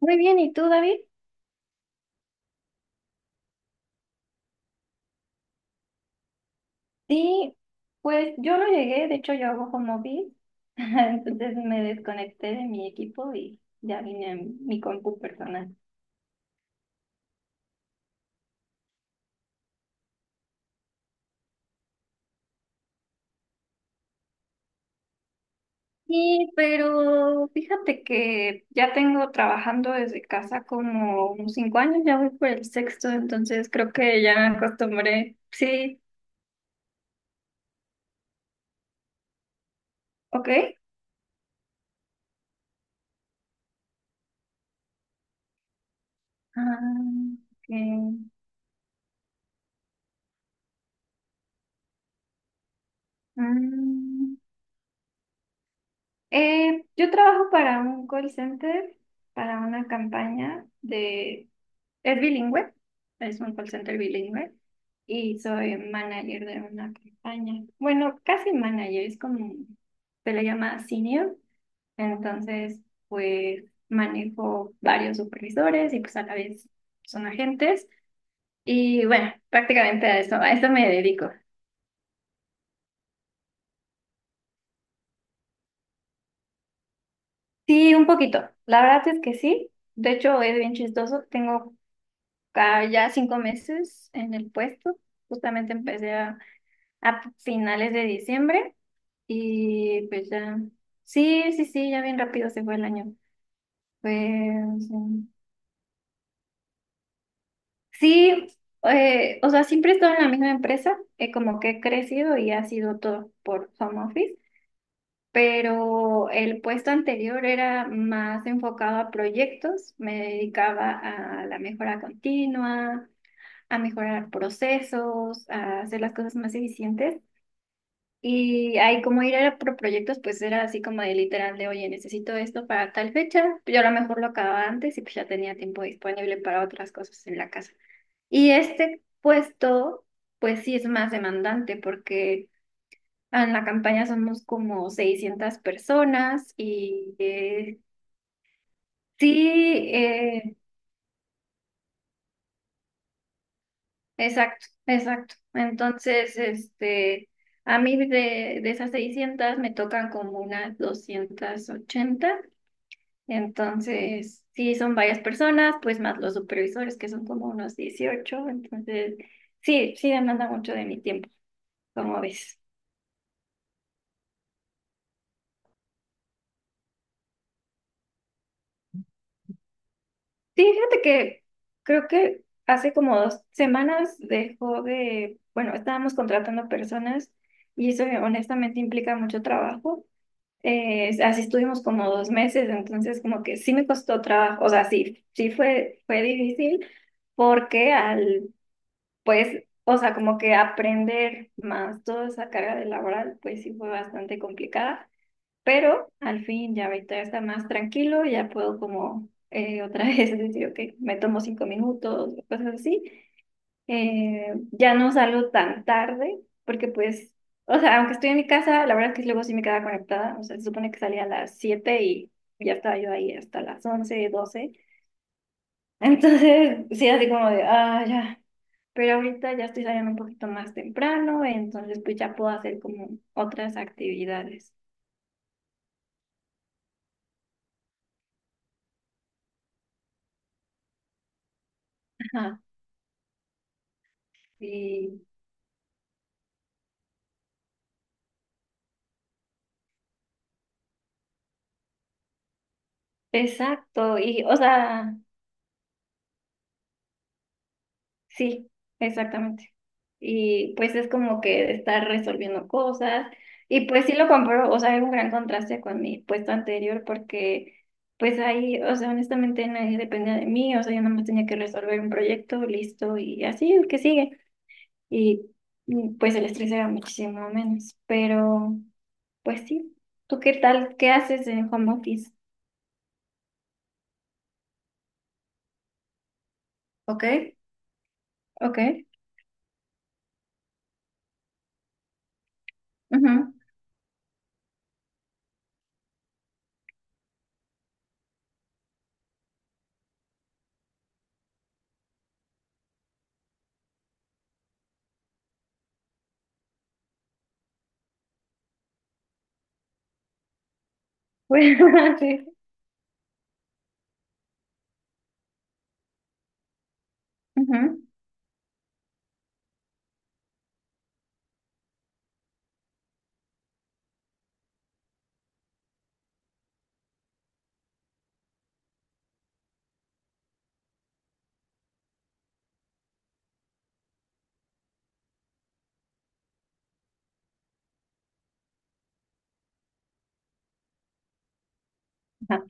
Muy bien, ¿y tú, David? Sí, pues yo no llegué, de hecho yo hago home office, entonces me desconecté de mi equipo y ya vine a mi compu personal. Sí, pero fíjate que ya tengo trabajando desde casa como unos 5 años, ya voy por el sexto, entonces creo que ya me acostumbré. Sí, ok. Ah, ok. Mm. Yo trabajo para un call center, para una campaña de... Es bilingüe, es un call center bilingüe y soy manager de una campaña. Bueno, casi manager, es como se le llama senior. Entonces, pues manejo varios supervisores y pues a la vez son agentes. Y bueno, prácticamente a eso me dedico. Sí, un poquito. La verdad es que sí. De hecho, es bien chistoso. Tengo ya 5 meses en el puesto. Justamente empecé a finales de diciembre. Y pues ya. Sí, sí, sí, ya bien rápido se fue el año. Pues mm, sí, o sea, siempre he estado en la misma empresa, como que he crecido y ha sido todo por home office, pero el puesto anterior era más enfocado a proyectos, me dedicaba a la mejora continua, a mejorar procesos, a hacer las cosas más eficientes. Y ahí como ir era por proyectos, pues era así como de literal de, oye, necesito esto para tal fecha. Yo a lo mejor lo acababa antes y pues ya tenía tiempo disponible para otras cosas en la casa. Y este puesto, pues sí es más demandante porque en la campaña somos como 600 personas sí, eh, exacto, exacto. Entonces, este, a mí de esas 600 me tocan como unas 280. Entonces, sí, son varias personas, pues más los supervisores, que son como unos 18. Entonces, sí, sí demanda mucho de mi tiempo, como ves. Sí, fíjate que creo que hace como 2 semanas dejó de, bueno, estábamos contratando personas y eso honestamente implica mucho trabajo. Así estuvimos como 2 meses, entonces como que sí me costó trabajo, o sea, sí, sí fue difícil porque al pues, o sea, como que aprender más toda esa carga de laboral, pues sí fue bastante complicada, pero al fin ya ahorita ya está más tranquilo, ya puedo como otra vez decir, ok, me tomo 5 minutos, cosas así. Ya no salgo tan tarde, porque pues, o sea, aunque estoy en mi casa, la verdad es que luego sí me quedaba conectada, o sea, se supone que salía a las 7 y ya estaba yo ahí hasta las 11 doce. Entonces, sí, así como de, ah, ya. Pero ahorita ya estoy saliendo un poquito más temprano, entonces pues ya puedo hacer como otras actividades. Ajá. Sí, exacto. Y, o sea, sí, exactamente. Y pues es como que estar resolviendo cosas. Y pues sí lo compro, o sea, hay un gran contraste con mi puesto anterior porque pues ahí, o sea, honestamente nadie dependía de mí, o sea, yo nada más tenía que resolver un proyecto, listo, y así el que sigue. y y, pues el estrés era muchísimo menos. Pero pues sí, ¿tú qué tal? ¿Qué haces en home office? ¿Ok? Ok, ujú. Pues sí, ujú. Ajá,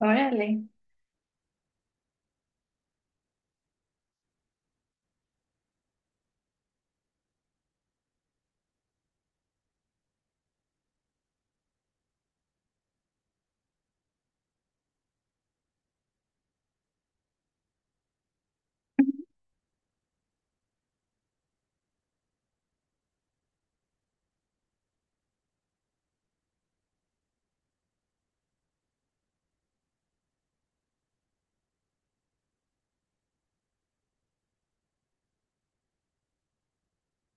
órale,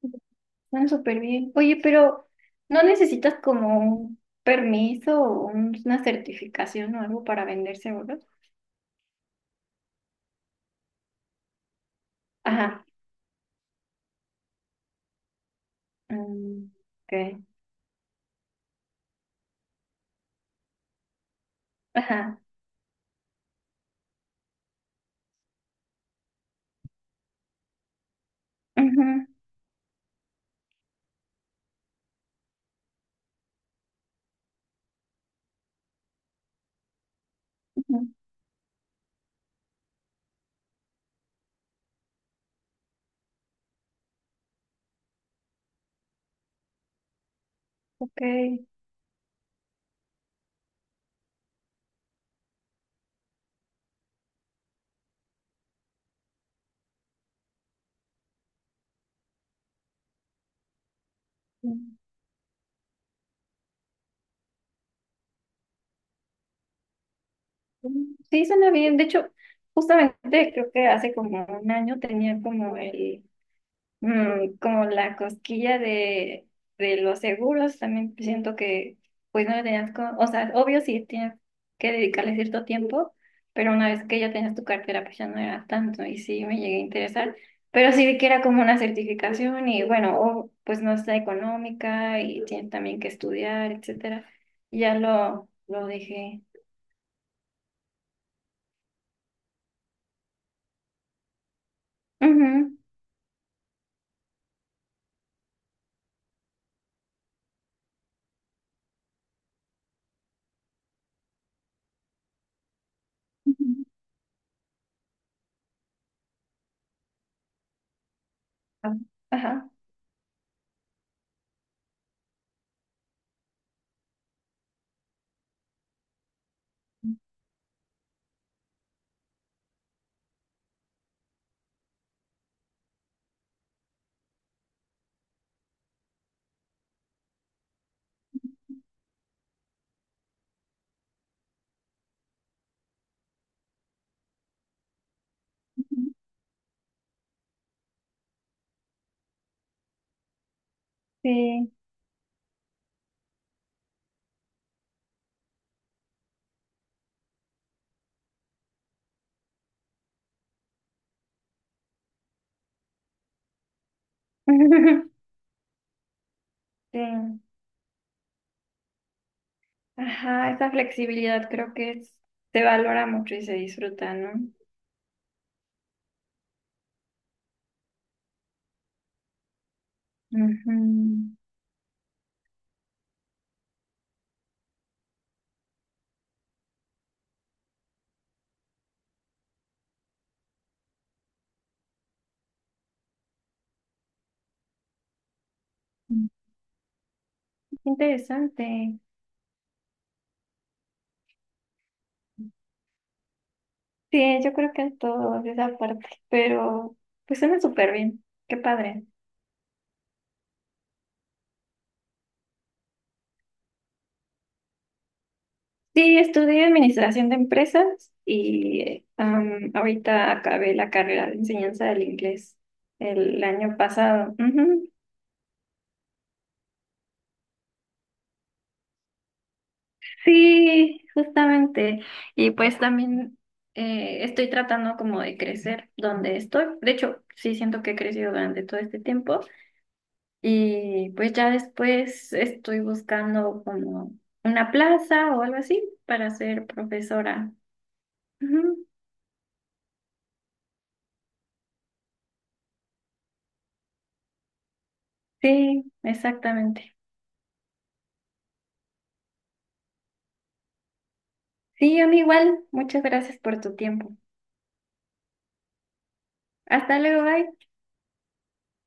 ujú. Están súper bien. Oye, pero ¿no necesitas como un permiso o una certificación o algo para vender seguros? Ajá, mm, ok, ajá, ujú, ujú, ok. Sí, suena bien. De hecho, justamente creo que hace como un año tenía como la cosquilla de, los seguros. También siento que, pues no le tenías, o sea, obvio sí tienes que dedicarle cierto tiempo, pero una vez que ya tenías tu cartera, pues ya no era tanto. Y sí me llegué a interesar, pero sí vi que era como una certificación y bueno, o, pues no está económica y tienes también que estudiar, etcétera. Y ya lo dejé. Ujú. Ah, ajá. Sí. Sí. Ajá, esa flexibilidad creo que se valora mucho y se disfruta, ¿no? Ujú. Interesante. Sí, yo creo que es todo de esa parte, pero pues suena súper bien. Qué padre. Sí, estudié administración de empresas y ahorita acabé la carrera de enseñanza del inglés el año pasado. Ujú. Sí, justamente. Y pues también estoy tratando como de crecer donde estoy. De hecho, sí siento que he crecido durante todo este tiempo. Y pues ya después estoy buscando como una plaza o algo así para ser profesora. Ujú, sí, exactamente. Sí, a mí igual. Muchas gracias por tu tiempo. Hasta luego, bye.